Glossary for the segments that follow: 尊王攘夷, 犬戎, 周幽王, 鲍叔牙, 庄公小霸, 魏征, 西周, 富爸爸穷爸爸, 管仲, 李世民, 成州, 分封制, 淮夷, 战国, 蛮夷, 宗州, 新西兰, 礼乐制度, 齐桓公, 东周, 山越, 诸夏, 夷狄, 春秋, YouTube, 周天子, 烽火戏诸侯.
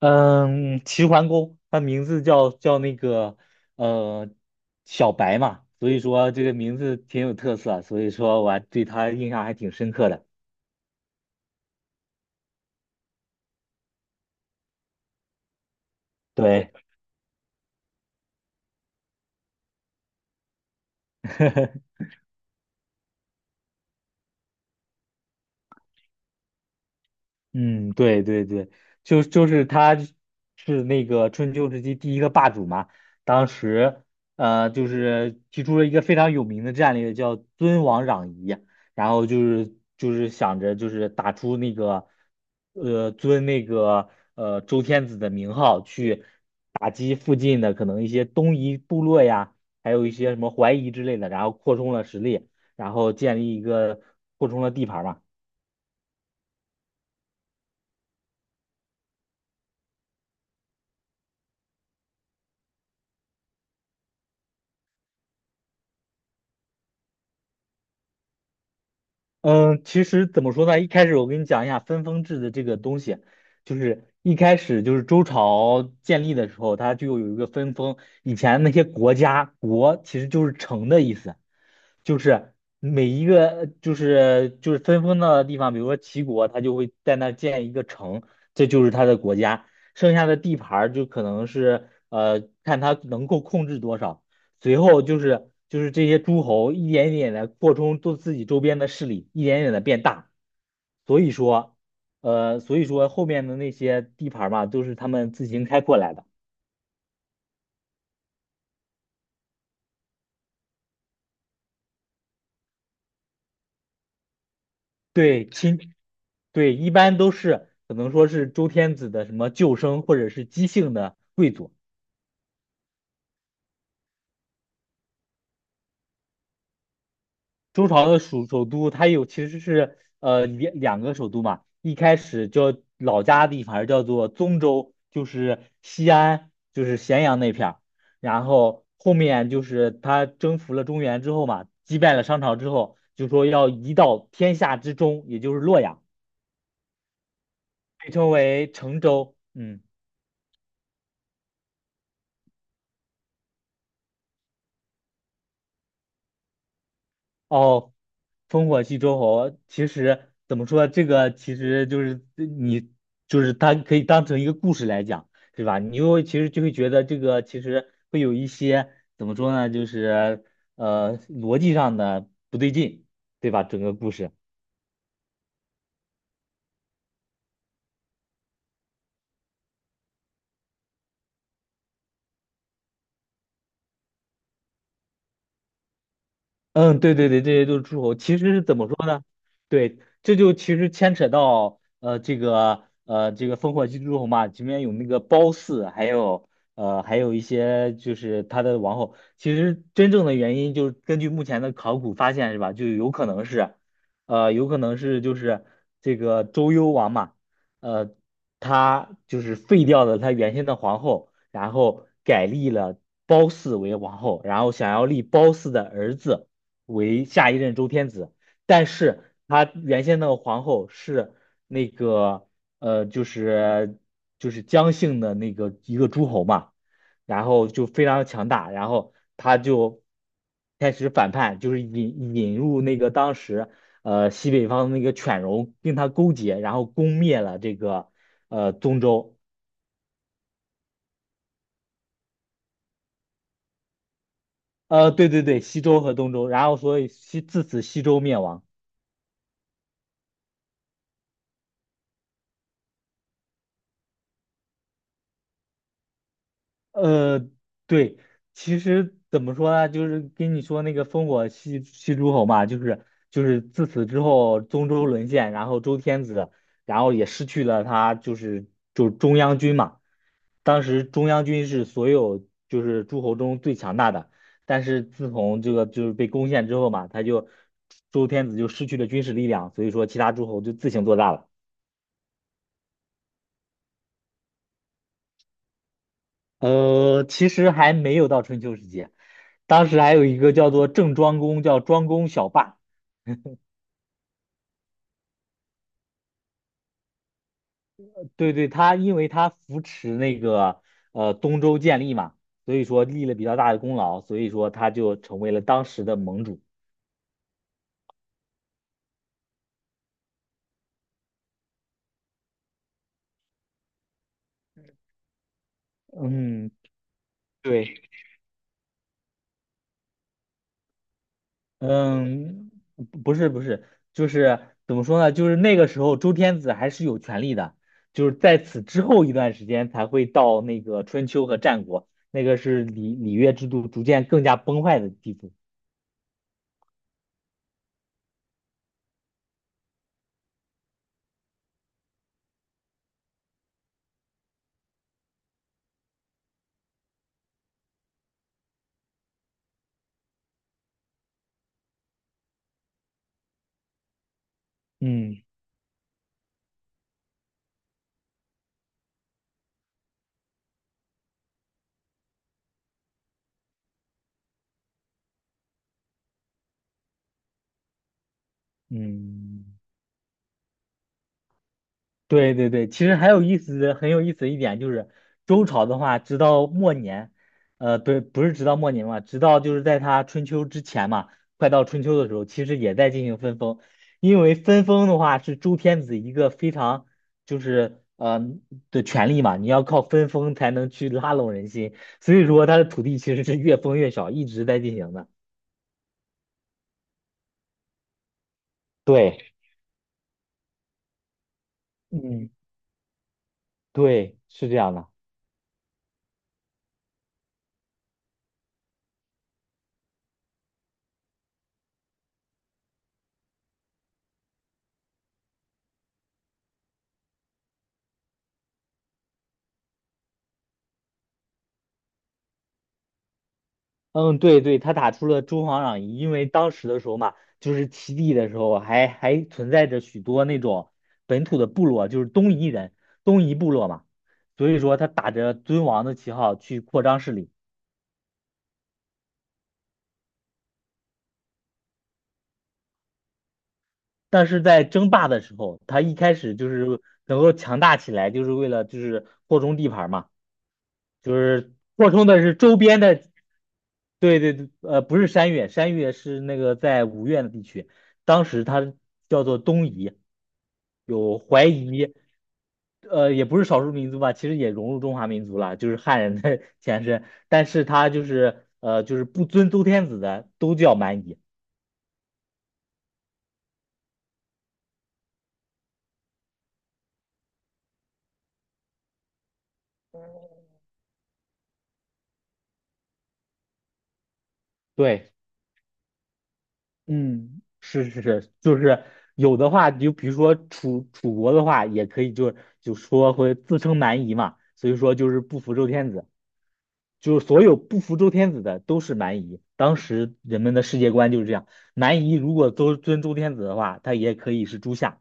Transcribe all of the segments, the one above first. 嗯，齐桓公，他名字叫那个呃小白嘛，所以说这个名字挺有特色啊，所以说我还对他印象还挺深刻的。对。嗯，对对对，就是他是那个春秋时期第一个霸主嘛，当时就是提出了一个非常有名的战略，叫尊王攘夷，然后就是想着就是打出那个呃尊那个周天子的名号去打击附近的可能一些东夷部落呀，还有一些什么淮夷之类的，然后扩充了实力，然后建立一个扩充了地盘嘛。嗯，其实怎么说呢？一开始我跟你讲一下分封制的这个东西，就是一开始就是周朝建立的时候，它就有一个分封。以前那些国家，国其实就是城的意思，就是每一个就是分封的地方，比如说齐国，它就会在那儿建一个城，这就是它的国家。剩下的地盘儿就可能是看它能够控制多少。随后就是这些诸侯一点一点的扩充都自己周边的势力，一点点的变大。所以说，所以说后面的那些地盘儿嘛，都是他们自行开阔来的。对，对，一般都是可能说是周天子的什么旧生或者是姬姓的贵族。周朝的首都，它有其实是两个首都嘛，一开始叫老家的地方叫做宗州，就是西安，就是咸阳那片儿，然后后面就是他征服了中原之后嘛，击败了商朝之后，就说要移到天下之中，也就是洛阳，被称为成州。嗯。哦，烽火戏诸侯，其实怎么说，这个其实就是你，就是它可以当成一个故事来讲，对吧？你又其实就会觉得这个其实会有一些怎么说呢，就是逻辑上的不对劲，对吧？整个故事。嗯，对对对，这些都是诸侯。其实是怎么说呢？对，这就其实牵扯到这个烽火戏诸侯嘛，里面有那个褒姒，还有一些就是他的王后。其实真正的原因就是根据目前的考古发现是吧，就有可能是就是这个周幽王嘛，呃他就是废掉了他原先的皇后，然后改立了褒姒为王后，然后想要立褒姒的儿子。为下一任周天子，但是他原先那个皇后是那个呃，就是就是姜姓的那个一个诸侯嘛，然后就非常强大，然后他就开始反叛，就是引入那个当时西北方的那个犬戎跟他勾结，然后攻灭了这个东周，对对对，西周和东周，然后所以自此西周灭亡。呃，对，其实怎么说呢，就是跟你说那个烽火戏诸侯嘛，就是自此之后，中州沦陷，然后周天子，然后也失去了他就是中央军嘛。当时中央军是所有就是诸侯中最强大的，但是自从这个就是被攻陷之后嘛，周天子就失去了军事力量，所以说其他诸侯就自行做大了。其实还没有到春秋时期，当时还有一个叫做郑庄公，叫庄公小霸。对对，他因为他扶持那个东周建立嘛，所以说立了比较大的功劳，所以说他就成为了当时的盟主。嗯，对。嗯，不是不是，就是怎么说呢？就是那个时候周天子还是有权利的，就是在此之后一段时间才会到那个春秋和战国，那个是礼礼乐制度逐渐更加崩坏的地步。嗯嗯。对对对，其实还有意思的很有意思的一点就是，周朝的话，直到末年，不是不是直到末年嘛，直到就是在他春秋之前嘛，快到春秋的时候，其实也在进行分封，因为分封的话是周天子一个非常就是的权利嘛，你要靠分封才能去拉拢人心，所以说他的土地其实是越封越小，一直在进行的。对，嗯，对，是这样的。嗯，对对，他打出了诸侯攘夷，因为当时的时候嘛，就是齐地的时候还存在着许多那种本土的部落，就是东夷人、东夷部落嘛，所以说他打着尊王的旗号去扩张势力，但是在争霸的时候，他一开始就是能够强大起来，就是为了就是扩充地盘儿嘛，就是扩充的是周边的对对对，不是山越，山越是那个在五院的地区，当时它叫做东夷，有怀夷，也不是少数民族吧，其实也融入中华民族了，就是汉人的 前身，但是他就是就是不尊周天子的都叫蛮夷。对，嗯，是是是，就是有的话，就比如说楚国的话，也可以就说会自称蛮夷嘛，所以说就是不服周天子。就是所有不服周天子的都是蛮夷。当时人们的世界观就是这样，蛮夷如果都尊周天子的话，他也可以是诸夏。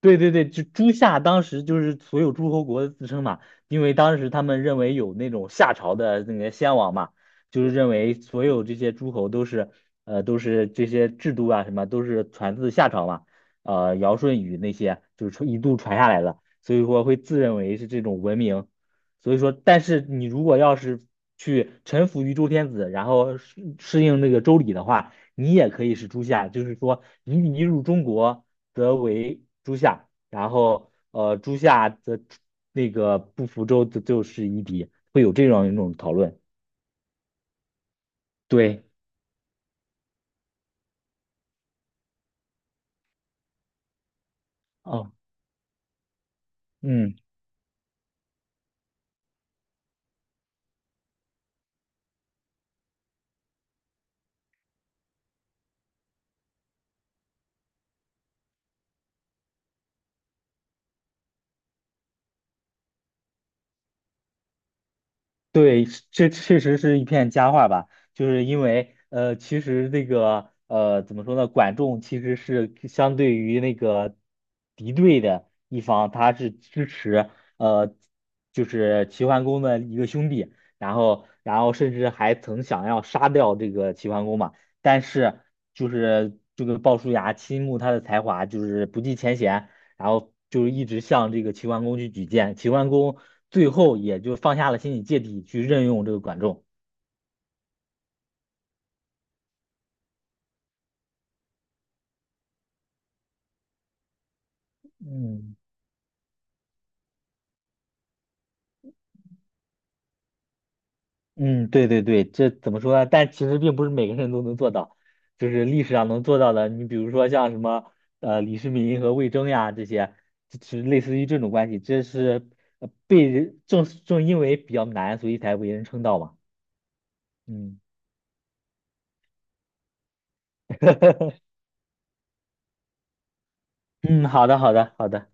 对对对，就朱夏当时就是所有诸侯国的自称嘛，因为当时他们认为有那种夏朝的那个先王嘛，就是认为所有这些诸侯都是这些制度啊什么都是传自夏朝嘛，尧舜禹那些就是一度传下来的，所以说会自认为是这种文明，所以说但是你如果要是去臣服于周天子，然后适应那个周礼的话。你也可以是诸夏，就是说你入中国则为诸夏，然后诸夏则那个不服周则就是夷狄，会有这样一种讨论。对，哦，嗯。对，这确实是一片佳话吧，就是因为其实这个怎么说呢，管仲其实是相对于那个敌对的一方，他是支持呃，就是齐桓公的一个兄弟，然后甚至还曾想要杀掉这个齐桓公嘛，但是就是这个鲍叔牙倾慕他的才华，就是不计前嫌，然后就是一直向这个齐桓公去举荐，齐桓公。最后也就放下了心理芥蒂去任用这个管仲。嗯嗯，对对对，这怎么说呢？但其实并不是每个人都能做到，就是历史上能做到的，你比如说像什么李世民和魏征呀这些，就是类似于这种关系，这是被人正因为比较难，所以才为人称道嘛。嗯。嗯，好的好的好的。